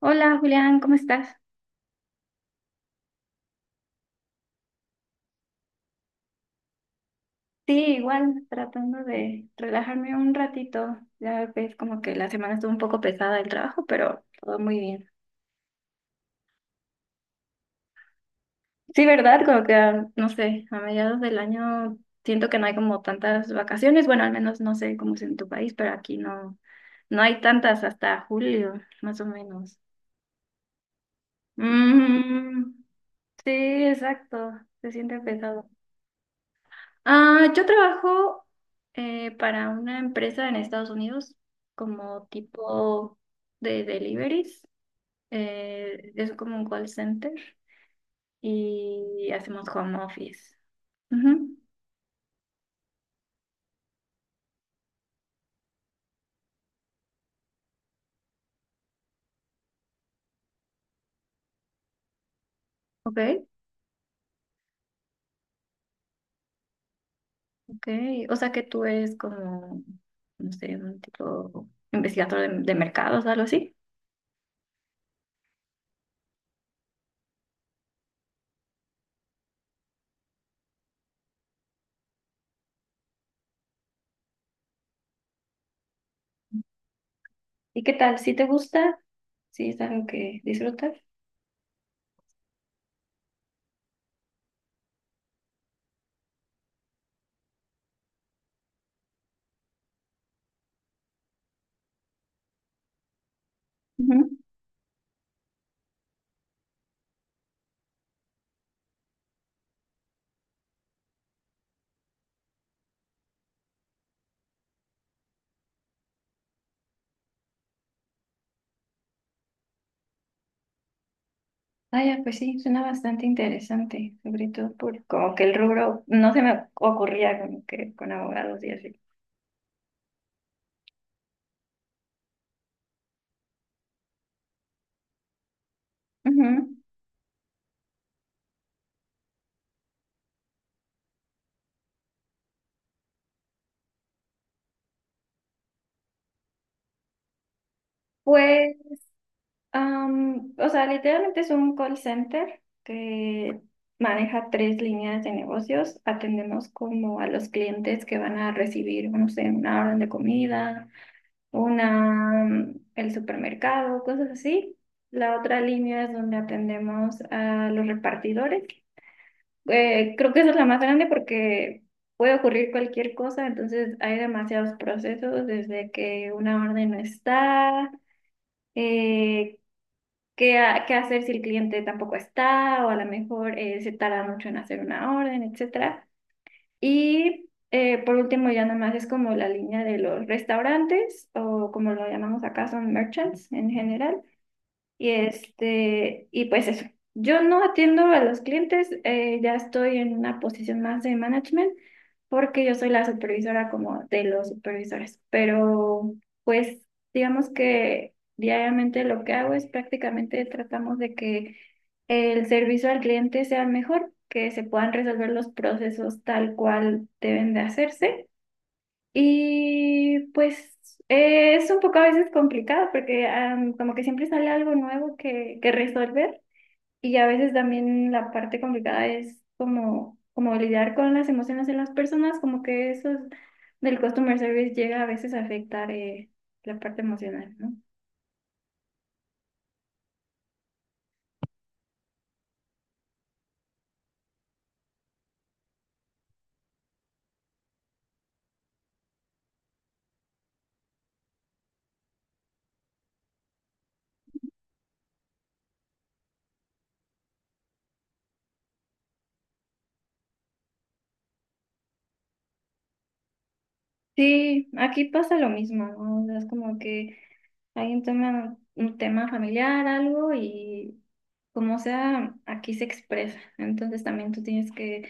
Hola Julián, ¿cómo estás? Sí, igual tratando de relajarme un ratito. Ya ves, como que la semana estuvo un poco pesada el trabajo, pero todo muy bien. Sí, ¿verdad? Como que, no sé, a mediados del año siento que no hay como tantas vacaciones. Bueno, al menos no sé cómo es en tu país, pero aquí no hay tantas hasta julio, más o menos. Mm, sí, exacto, se siente pesado. Ah, yo trabajo para una empresa en Estados Unidos como tipo de deliveries. Es como un call center y hacemos home office. Ujú. Ok, ok. O sea que tú eres como, no sé, un tipo investigador de mercados, algo así. ¿Y qué tal? ¿Si te gusta? ¿Sí es algo que disfrutas? Ah, ya, pues sí, suena bastante interesante, sobre todo por como que el rubro no se me ocurría como que con abogados y así. Ujú. Pues, o sea, literalmente es un call center que maneja tres líneas de negocios. Atendemos como a los clientes que van a recibir, no sé, una orden de comida, una, mm, el supermercado, cosas así. La otra línea es donde atendemos a los repartidores. Creo que esa es la más grande porque puede ocurrir cualquier cosa, entonces hay demasiados procesos, desde que una orden no está, eh, qué hacer si el cliente tampoco está, o a lo mejor se tarda mucho en hacer una orden, etcétera. Y por último, ya nomás es como la línea de los restaurantes, o como lo llamamos acá, son merchants en general y este, y pues eso. Yo no atiendo a los clientes, ya estoy en una posición más de management porque yo soy la supervisora como de los supervisores, pero pues digamos que diariamente lo que hago es prácticamente tratamos de que el servicio al cliente sea mejor, que se puedan resolver los procesos tal cual deben de hacerse y pues es un poco a veces complicado porque como que siempre sale algo nuevo que resolver y a veces también la parte complicada es como, como lidiar con las emociones de las personas, como que eso es del customer service llega a veces a afectar la parte emocional, ¿no? Sí, aquí pasa lo mismo, ¿no? O sea, es como que alguien toma un tema familiar, algo y como sea, aquí se expresa, entonces también tú tienes que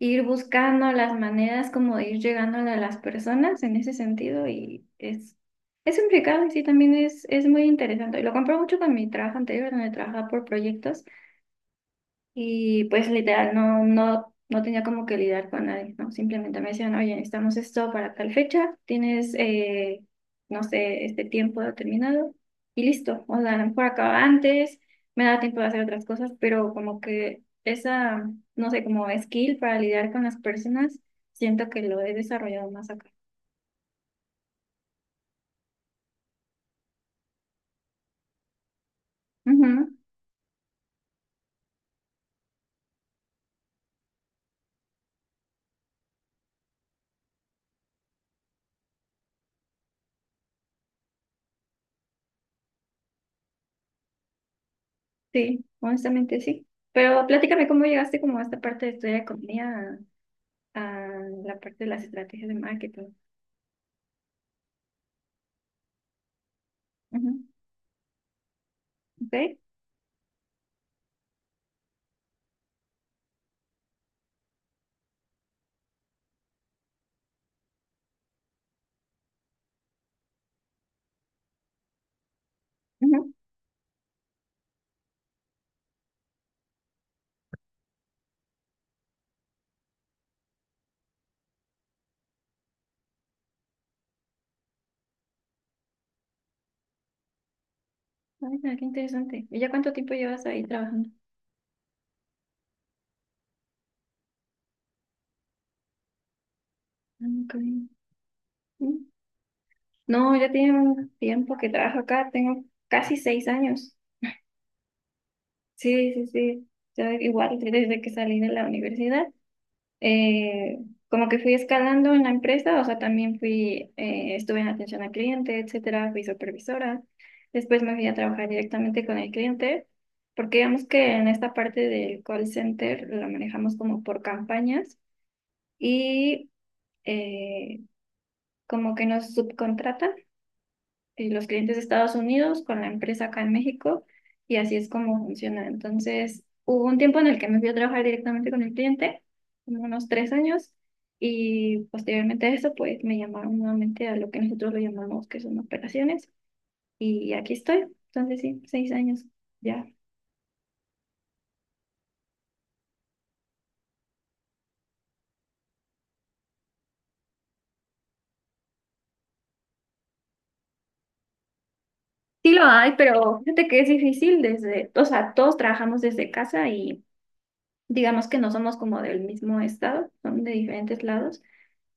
ir buscando las maneras como de ir llegando a las personas en ese sentido y es complicado, sí, también es muy interesante. Y lo compro mucho con mi trabajo anterior donde trabajaba por proyectos y pues literal, no, no, no tenía como que lidiar con nadie, ¿no? Simplemente me decían, oye, necesitamos esto para tal fecha, tienes, no sé, este tiempo determinado y listo. O sea, a lo mejor acaba antes, me da tiempo de hacer otras cosas, pero como que esa, no sé, como skill para lidiar con las personas, siento que lo he desarrollado más acá. Ujú. Sí, honestamente sí. Pero platícame cómo llegaste como a esta parte de estudiar economía, a, a la parte de las estrategias de marketing. Ujú. ¿Ve? Ujú. Ay, mira, qué interesante. ¿Y ya cuánto tiempo llevas ahí trabajando? Ah, ok. Mm. No, ya tiene un tiempo que trabajo acá, tengo casi 6 años. Sí, sí, sí. Yo igual desde que salí de la universidad, eh, como que fui escalando en la empresa, o sea, también fui, estuve en atención al cliente, etcétera, fui supervisora. Después me fui a trabajar directamente con el cliente, porque digamos que en esta parte del call center la manejamos como por campañas. Y eh, como que nos subcontratan los clientes de Estados Unidos con la empresa acá en México y así es como funciona. Entonces, hubo un tiempo en el que me fui a trabajar directamente con el cliente, como unos 3 años, y posteriormente a eso, pues me llamaron nuevamente a lo que nosotros lo llamamos que son operaciones y aquí estoy. Entonces, sí, 6 años ya. Sí lo hay, pero fíjate que es difícil desde, o sea, todos trabajamos desde casa y digamos que no somos como del mismo estado, son de diferentes lados.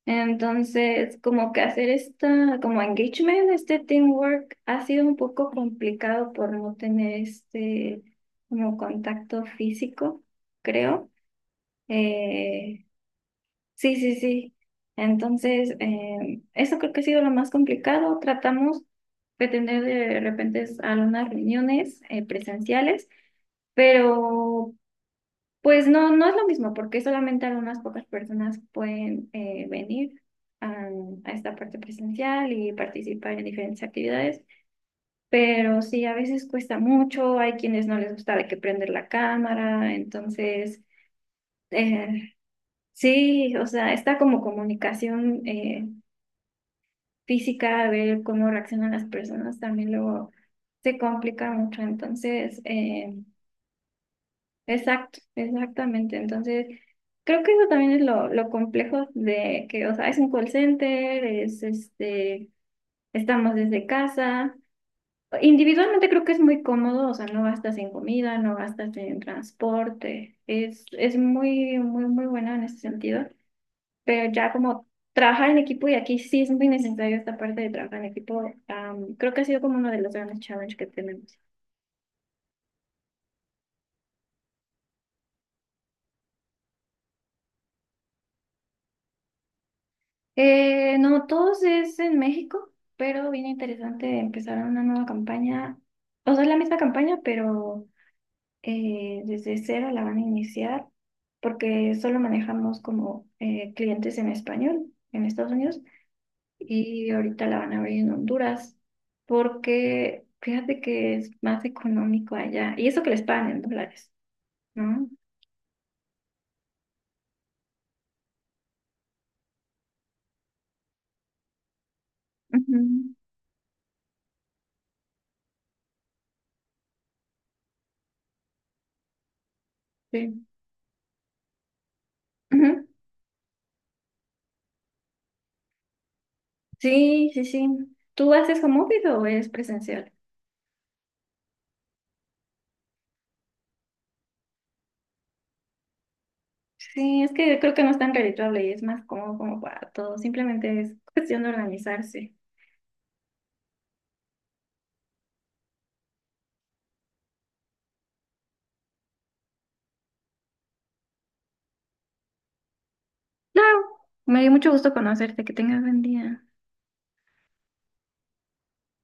Entonces, como que hacer esta, como engagement, este teamwork ha sido un poco complicado por no tener este como contacto físico, creo. Eh, sí, sí, sí. Entonces, eso creo que ha sido lo más complicado. Tratamos de tener de repente algunas reuniones presenciales, pero pues no, no es lo mismo, porque solamente algunas pocas personas pueden venir a, a esta parte presencial y participar en diferentes actividades, pero sí, a veces cuesta mucho, hay quienes no les gusta de que prender la cámara, entonces, eh, sí, o sea, está como comunicación física, a ver cómo reaccionan las personas, también luego se complica mucho, entonces. Exacto, exactamente. Entonces, creo que eso también es lo complejo de que, o sea, es un call center, es este, estamos desde casa. Individualmente creo que es muy cómodo, o sea, no gastas en comida, no gastas en transporte. Es muy, muy, muy bueno en ese sentido. Pero ya como trabajar en equipo, y aquí sí es muy necesario esta parte de trabajar en equipo, creo que ha sido como uno de los grandes challenges que tenemos. No, todos es en México, pero bien interesante empezar una nueva campaña. O sea, es la misma campaña, pero desde cero la van a iniciar porque solo manejamos como clientes en español en Estados Unidos y ahorita la van a abrir en Honduras porque fíjate que es más económico allá y eso que les pagan en dólares, ¿no? Ujú. Sí. Ujú. Sí, sí, sí. ¿Tú haces home office o es presencial? Sí, es que creo que no es tan redituable y es más cómodo como para todos. Simplemente es cuestión de organizarse. Claro, me dio mucho gusto conocerte. Que tengas buen día.